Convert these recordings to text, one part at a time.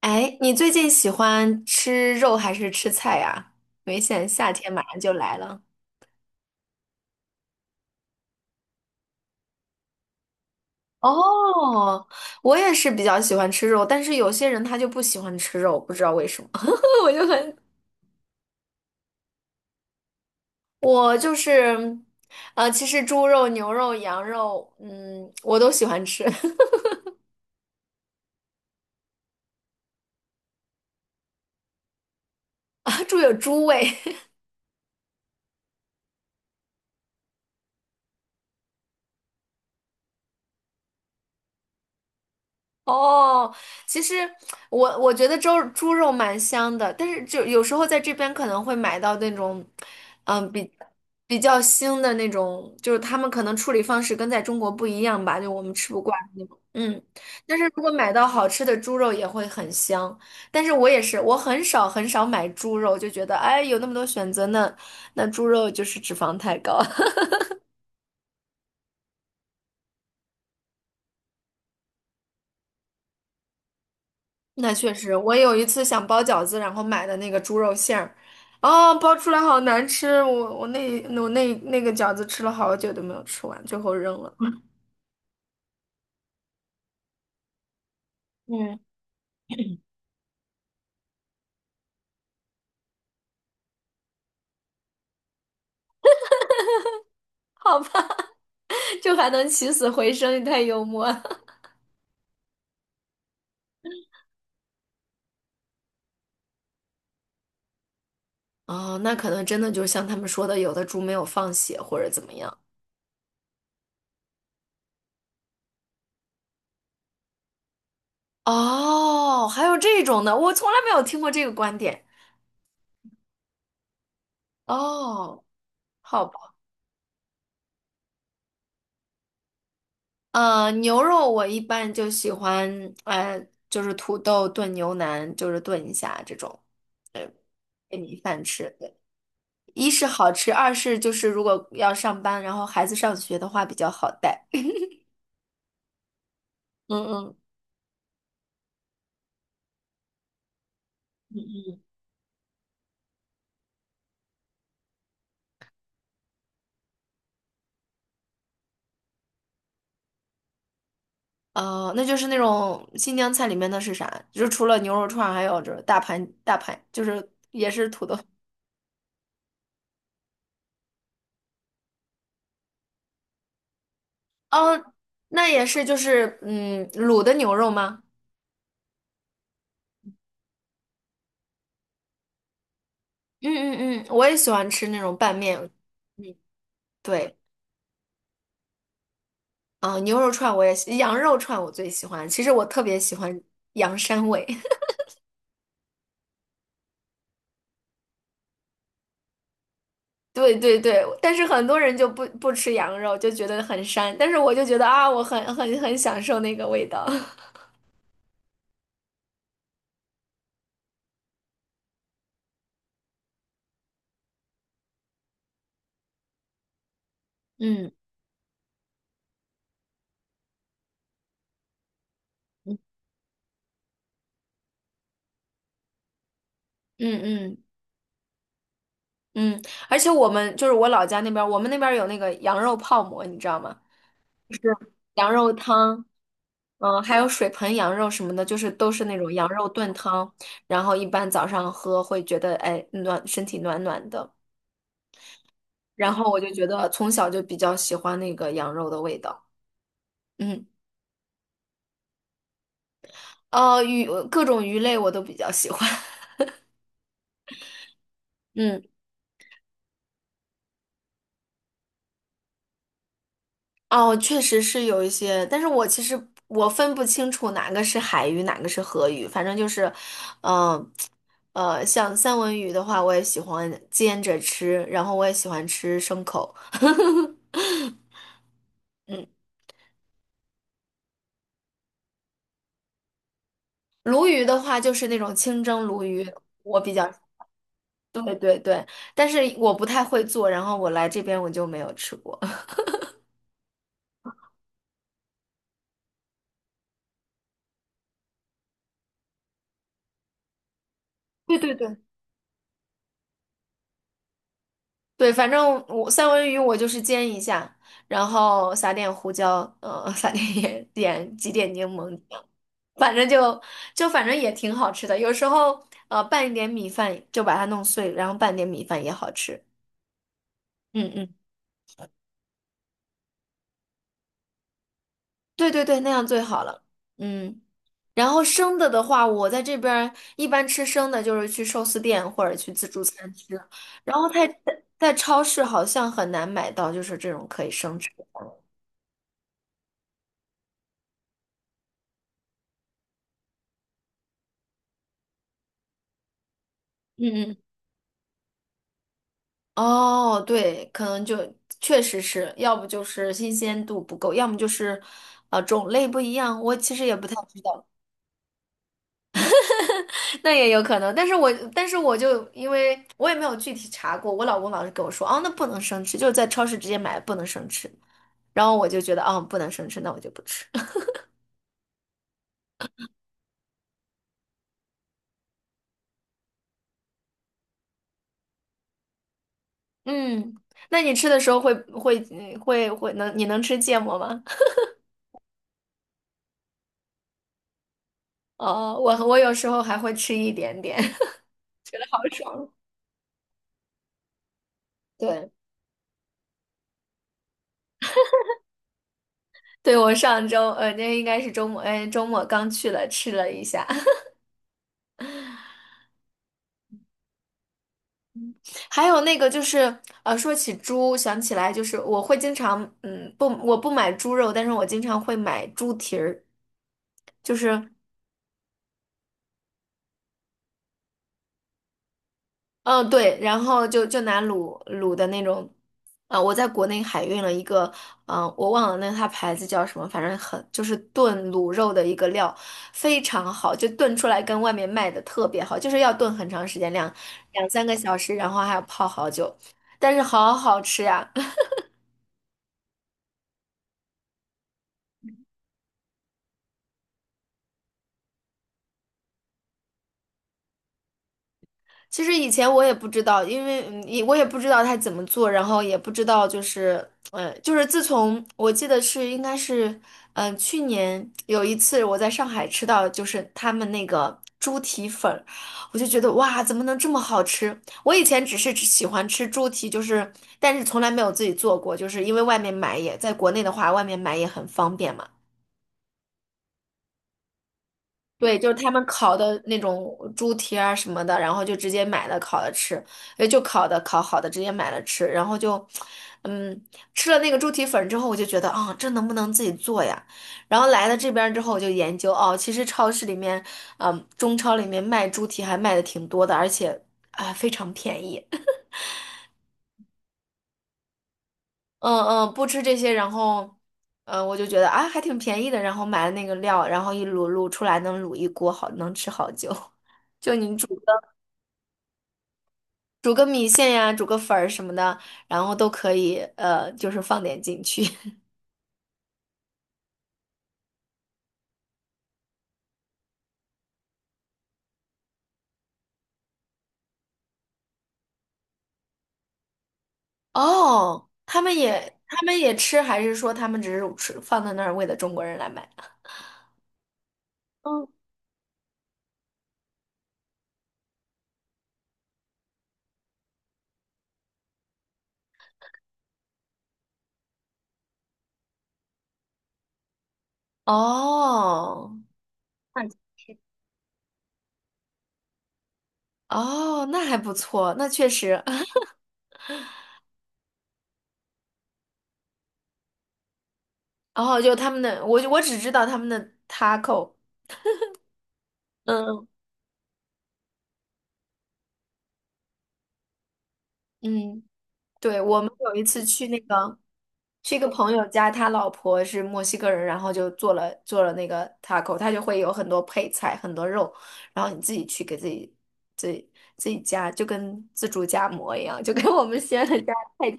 哎，你最近喜欢吃肉还是吃菜呀？因为现在夏天马上就来了。哦，我也是比较喜欢吃肉，但是有些人他就不喜欢吃肉，不知道为什么。我就很，我就是，其实猪肉、牛肉、羊肉，嗯，我都喜欢吃。啊，猪有猪味。哦，其实我觉得猪肉蛮香的，但是就有时候在这边可能会买到那种，嗯，比较腥的那种，就是他们可能处理方式跟在中国不一样吧，就我们吃不惯那种。嗯，但是如果买到好吃的猪肉也会很香，但是我也是，我很少很少买猪肉，就觉得哎有那么多选择呢，那猪肉就是脂肪太高。那确实，我有一次想包饺子，然后买的那个猪肉馅儿，啊、包出来好难吃，我那个饺子吃了好久都没有吃完，最后扔了。嗯。好吧。就还能起死回生，你太幽默了。哦，那可能真的就像他们说的，有的猪没有放血或者怎么样。哦，还有这种的，我从来没有听过这个观点。哦，好吧。牛肉我一般就喜欢，就是土豆炖牛腩，就是炖一下这种，呃，配米饭吃。对，一是好吃，二是就是如果要上班，然后孩子上学的话比较好带。嗯嗯。那就是那种新疆菜里面的是啥？就是除了牛肉串儿还有就是大盘大盘，就是也是土豆。哦，那也是就是嗯卤的牛肉吗？嗯嗯嗯，我也喜欢吃那种拌面。嗯，对。啊，呃牛肉串我也喜，羊肉串我最喜欢。其实我特别喜欢羊膻味。对对对。但是很多人就不吃羊肉，就觉得很膻。但是我就觉得啊，我很很很享受那个味道。嗯嗯嗯嗯。而且我们就是我老家那边儿，我们那边儿有那个羊肉泡馍，你知道吗？就是羊肉汤。嗯，还有水盆羊肉什么的，就是都是那种羊肉炖汤，然后一般早上喝会觉得哎暖，身体暖暖的。然后我就觉得从小就比较喜欢那个羊肉的味道。嗯。鱼各种鱼类我都比较喜欢。嗯。哦，确实是有一些，但是我其实分不清楚哪个是海鱼，哪个是河鱼，反正就是，嗯、像三文鱼的话，我也喜欢煎着吃，然后我也喜欢吃生口。嗯。鲈鱼的话就是那种清蒸鲈鱼，我比较，对对对，但是我不太会做，然后我来这边我就没有吃过。对对对。对，反正我三文鱼就是煎一下，然后撒点胡椒，撒点盐，点几点柠檬酱，反正就也挺好吃的。有时候呃拌一点米饭，就把它弄碎，然后拌点米饭也好吃。嗯嗯，对对对，那样最好了。嗯，然后生的的话，我在这边儿一般吃生的，就是去寿司店或者去自助餐吃，然后在超市好像很难买到，就是这种可以生吃的。嗯嗯。嗯，哦，对，可能就确实是，要不就是新鲜度不够，要么就是，种类不一样。我其实也不太知道。那也有可能。但是我就因为我也没有具体查过，我老公老是跟我说，哦，那不能生吃，就是在超市直接买，不能生吃。然后我就觉得，哦，不能生吃，那我就不吃。嗯，那你吃的时候会会嗯会会能你能吃芥末吗？哦，我有时候还会吃一点点。好爽。对。对，我上周，那应该是周末，哎，周末刚去了，吃了一下。还有那个就是，说起猪，想起来就是我会经常，嗯，不，我不买猪肉，但是我经常会买猪蹄儿，就是。嗯，对，然后就拿卤的那种，啊、我在国内海运了一个，嗯、我忘了那它牌子叫什么，反正很就是炖卤肉的一个料，非常好，就炖出来跟外面卖的特别好，就是要炖很长时间，两三个小时，然后还要泡好久，但是好好吃呀、其实以前我也不知道，因为我也不知道他怎么做，然后也不知道就是，嗯，就是自从我记得是应该是，去年有一次我在上海吃到就是他们那个猪蹄粉儿，我就觉得哇，怎么能这么好吃？我以前只是只喜欢吃猪蹄，就是但是从来没有自己做过，就是因为外面买也在国内的话，外面买也很方便嘛。对，就是他们烤的那种猪蹄啊什么的，然后就直接买了烤了吃，就烤的烤好的直接买了吃，然后就，嗯，吃了那个猪蹄粉之后，我就觉得啊，这能不能自己做呀？然后来了这边儿之后，我就研究哦，其实超市里面，嗯，中超里面卖猪蹄还卖的挺多的，而且啊非常便宜。嗯嗯，不吃这些，然后，嗯，我就觉得啊还挺便宜的，然后买了那个料，然后一卤卤出来能卤一锅好，能吃好久。就您煮。煮个米线呀，煮个粉儿什么的，然后都可以，就是放点进去。哦，他们也吃，还是说他们只是吃放在那儿为了中国人来买？嗯，哦那哦，那还不错，那确实。然后就他们的，我只知道他们的 taco。嗯嗯，对，我们有一次去那个。去一个朋友家，他老婆是墨西哥人，然后就做了那个 taco，他就会有很多配菜，很多肉，然后你自己去给自己自己加，就跟自助夹馍一样，就跟我们西安的家菜夹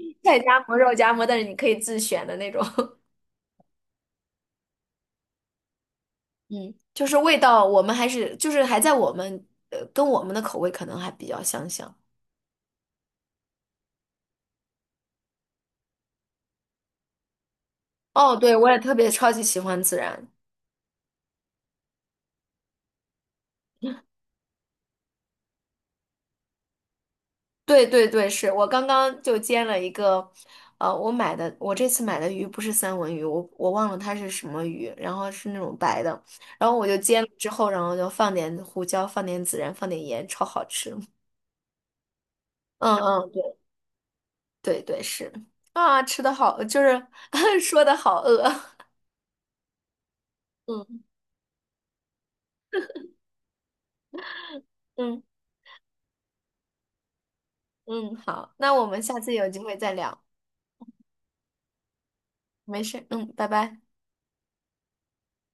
菜夹馍、肉夹馍，但是你可以自选的那种。嗯，就是味道，我们还是就是还在我们呃跟我们的口味可能还比较相像。哦，对，我也特别超级喜欢孜然。对对对，是我刚刚就煎了一个，我买的，我这次买的鱼不是三文鱼，我忘了它是什么鱼，然后是那种白的，然后我就煎了之后，然后就放点胡椒，放点孜然，放点盐，超好吃。嗯嗯，对对是，啊，吃的好，就是 说的好饿。嗯嗯嗯，好，那我们下次有机会再聊，没事，嗯，拜拜。